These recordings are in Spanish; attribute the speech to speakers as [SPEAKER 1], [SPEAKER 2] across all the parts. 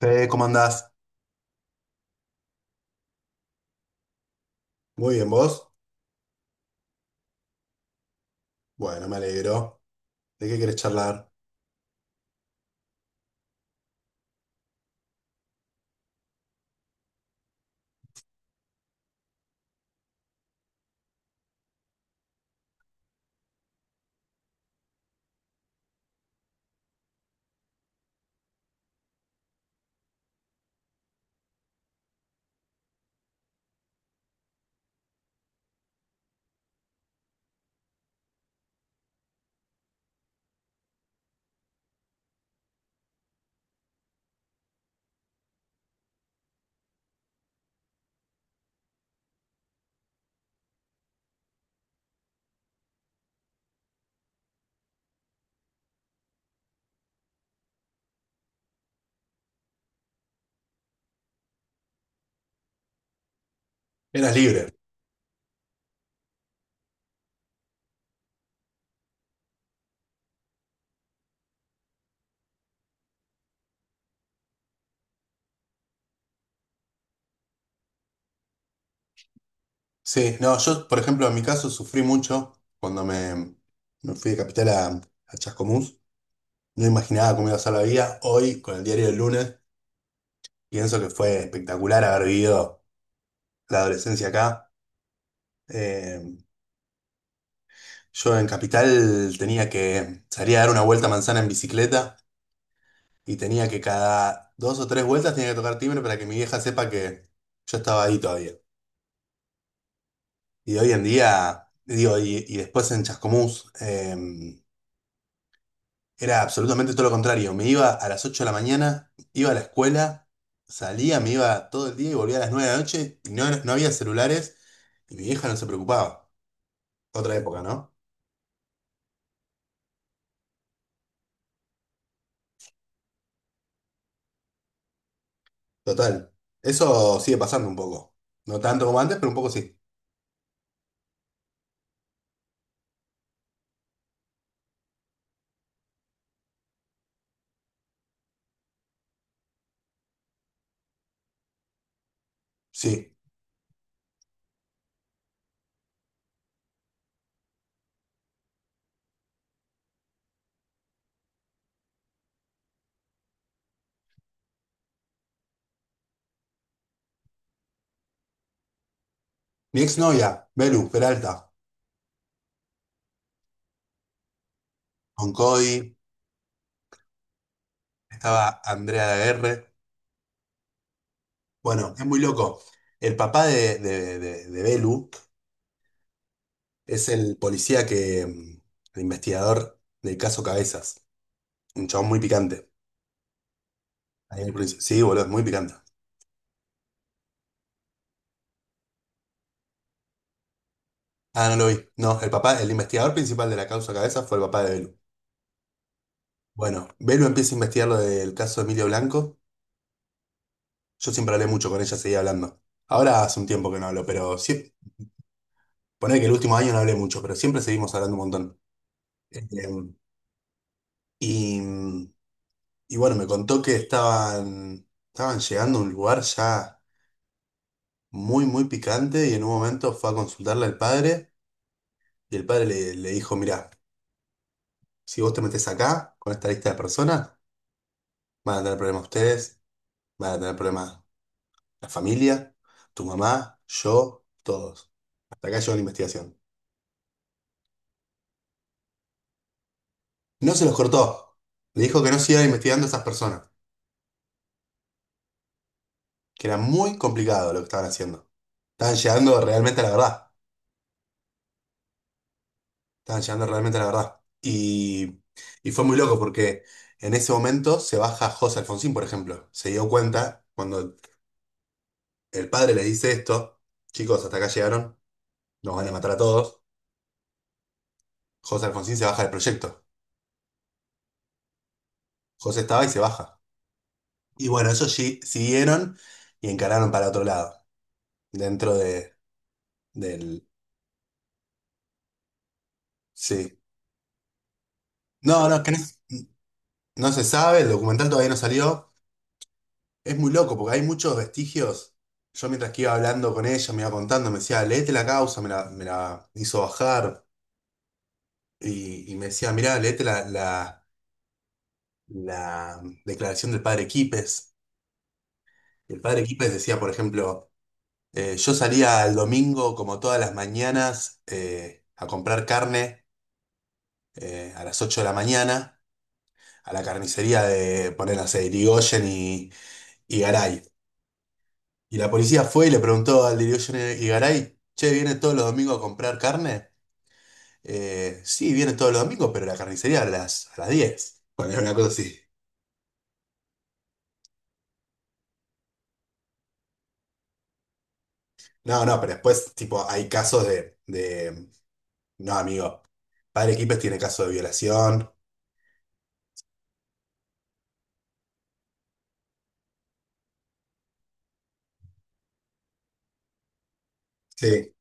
[SPEAKER 1] ¿Cómo andás? Muy bien, ¿vos? Bueno, me alegro. ¿De qué querés charlar? Eras libre. Sí, no, yo, por ejemplo, en mi caso sufrí mucho cuando me fui de Capital a Chascomús. No imaginaba cómo iba a ser la vida. Hoy, con el diario del lunes, pienso que fue espectacular haber vivido la adolescencia acá. Eh, yo en Capital tenía que salir a dar una vuelta a manzana en bicicleta y tenía que cada dos o tres vueltas tenía que tocar timbre para que mi vieja sepa que yo estaba ahí todavía. Y hoy en día, digo, y después en Chascomús, era absolutamente todo lo contrario. Me iba a las 8 de la mañana, iba a la escuela, salía, me iba todo el día y volvía a las 9 de la noche, y no había celulares y mi vieja no se preocupaba. Otra época, ¿no? Total. Eso sigue pasando un poco. No tanto como antes, pero un poco sí. Sí. Mi exnovia, Belu Peralta, con Cody, estaba Andrea de R. Bueno, es muy loco. El papá de Belu. Es el policía que, el investigador del caso Cabezas. Un chabón muy picante. Ahí en el principio. Sí, boludo, es muy picante. Ah, no lo vi. No, el papá, el investigador principal de la causa Cabezas fue el papá de Belu. Bueno, Belu empieza a investigar lo del caso de Emilio Blanco. Yo siempre hablé mucho con ella, seguía hablando. Ahora hace un tiempo que no hablo, pero sí. Poner que el último año no hablé mucho, pero siempre seguimos hablando un montón. Eh, y, y bueno, me contó que estaban llegando a un lugar ya muy, muy picante. Y en un momento fue a consultarle al padre y el padre le dijo, mirá, si vos te metés acá con esta lista de personas, van a tener problemas ustedes, van a tener problemas la familia, tu mamá, yo, todos. Hasta acá llegó la investigación. No se los cortó. Le dijo que no siga investigando a esas personas, que era muy complicado lo que estaban haciendo. Estaban llegando realmente a la verdad. Estaban llegando realmente a la verdad. Y fue muy loco porque... En ese momento se baja José Alfonsín, por ejemplo. Se dio cuenta cuando el padre le dice esto: chicos, hasta acá llegaron, nos van a matar a todos. José Alfonsín se baja del proyecto. José estaba y se baja. Y bueno, ellos siguieron y encararon para otro lado, dentro de, del... Sí. No, no, que no, no se sabe, el documental todavía no salió. Es muy loco porque hay muchos vestigios. Yo mientras que iba hablando con ella, me iba contando, me decía, léete la causa, me la hizo bajar. Y me decía, mirá, léete la declaración del padre Quipes. El padre Quípez decía, por ejemplo, yo salía el domingo como todas las mañanas, a comprar carne, a las 8 de la mañana, a la carnicería de, poner, no sé, Irigoyen y Garay. Y la policía fue y le preguntó al de Irigoyen y Garay, che, ¿viene todos los domingos a comprar carne? Sí, viene todos los domingos, pero la carnicería a las, 10. Bueno, era una cosa así. No, no, pero después, tipo, hay casos. No, amigo, padre Quípez tiene casos de violación. Sí.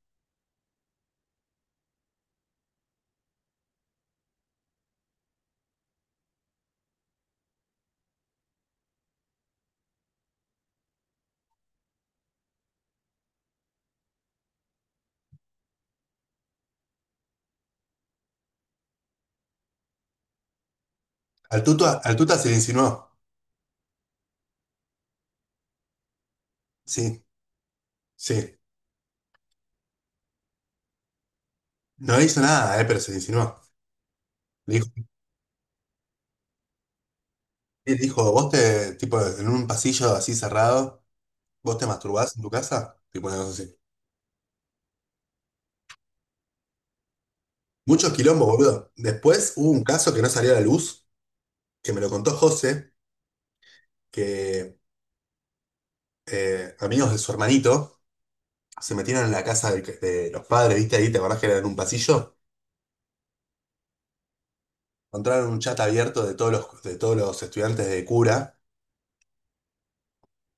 [SPEAKER 1] Al Tuta se le insinuó, sí, sí. No le hizo nada, pero se le insinuó. Le dijo, le dijo, tipo, en un pasillo así cerrado, vos te masturbás en tu casa, tipo una cosa así. Muchos quilombo, boludo. Después hubo un caso que no salió a la luz, que me lo contó José, que amigos de su hermanito se metieron en la casa del de los padres, ¿viste ahí? ¿Te acordás que era en un pasillo? Encontraron un chat abierto de todos los estudiantes de cura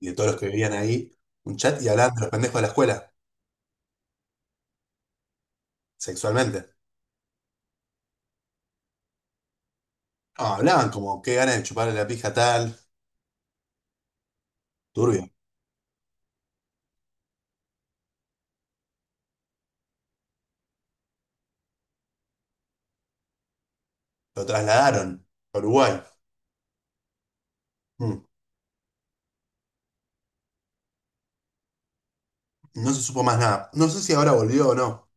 [SPEAKER 1] y de todos los que vivían ahí, un chat, y hablaban de los pendejos de la escuela. Sexualmente. No, hablaban como qué ganas de chuparle la pija a tal, turbio. Lo trasladaron a Uruguay. Mm, No se supo más nada. No sé si ahora volvió o no.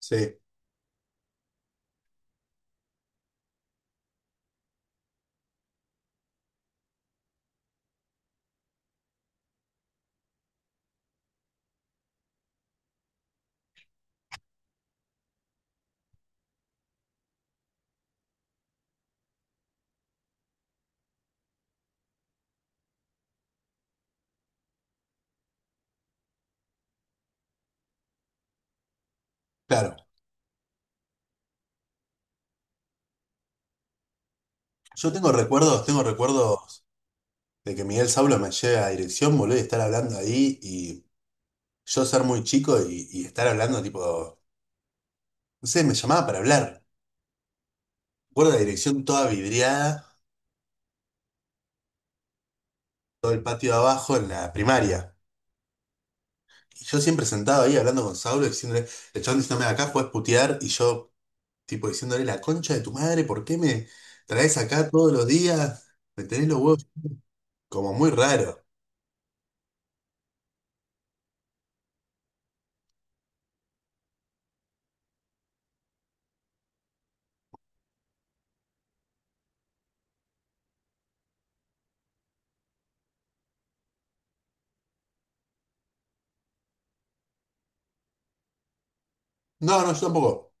[SPEAKER 1] Sí, claro. Yo tengo recuerdos de que Miguel Saulo me lleve a dirección, boludo, y estar hablando ahí y yo ser muy chico y, estar hablando tipo, no sé, me llamaba para hablar. Recuerdo la dirección toda vidriada, todo el patio de abajo en la primaria. Y yo siempre sentado ahí hablando con Saulo, diciéndole, el chabón diciéndome acá puedes putear. Y yo, tipo, diciéndole la concha de tu madre, ¿por qué me traes acá todos los días? Me tenés los huevos como muy raro. No, no, yo tampoco.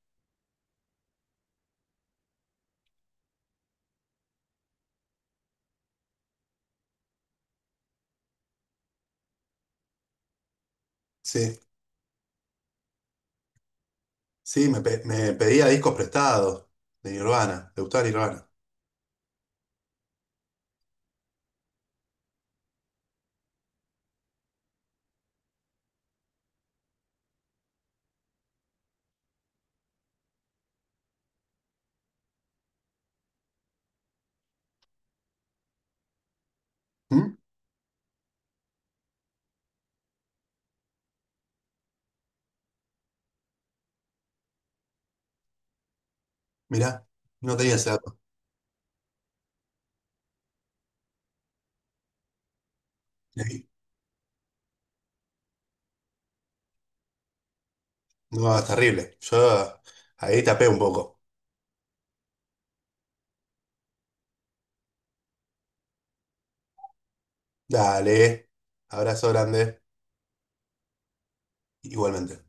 [SPEAKER 1] Sí, sí, me pedía discos prestados de Nirvana, de gustaba Nirvana. ¿Mm? Mirá, no tenía ese dato. Ahí. No, es terrible. Yo ahí tapé un poco. Dale, abrazo grande, igualmente.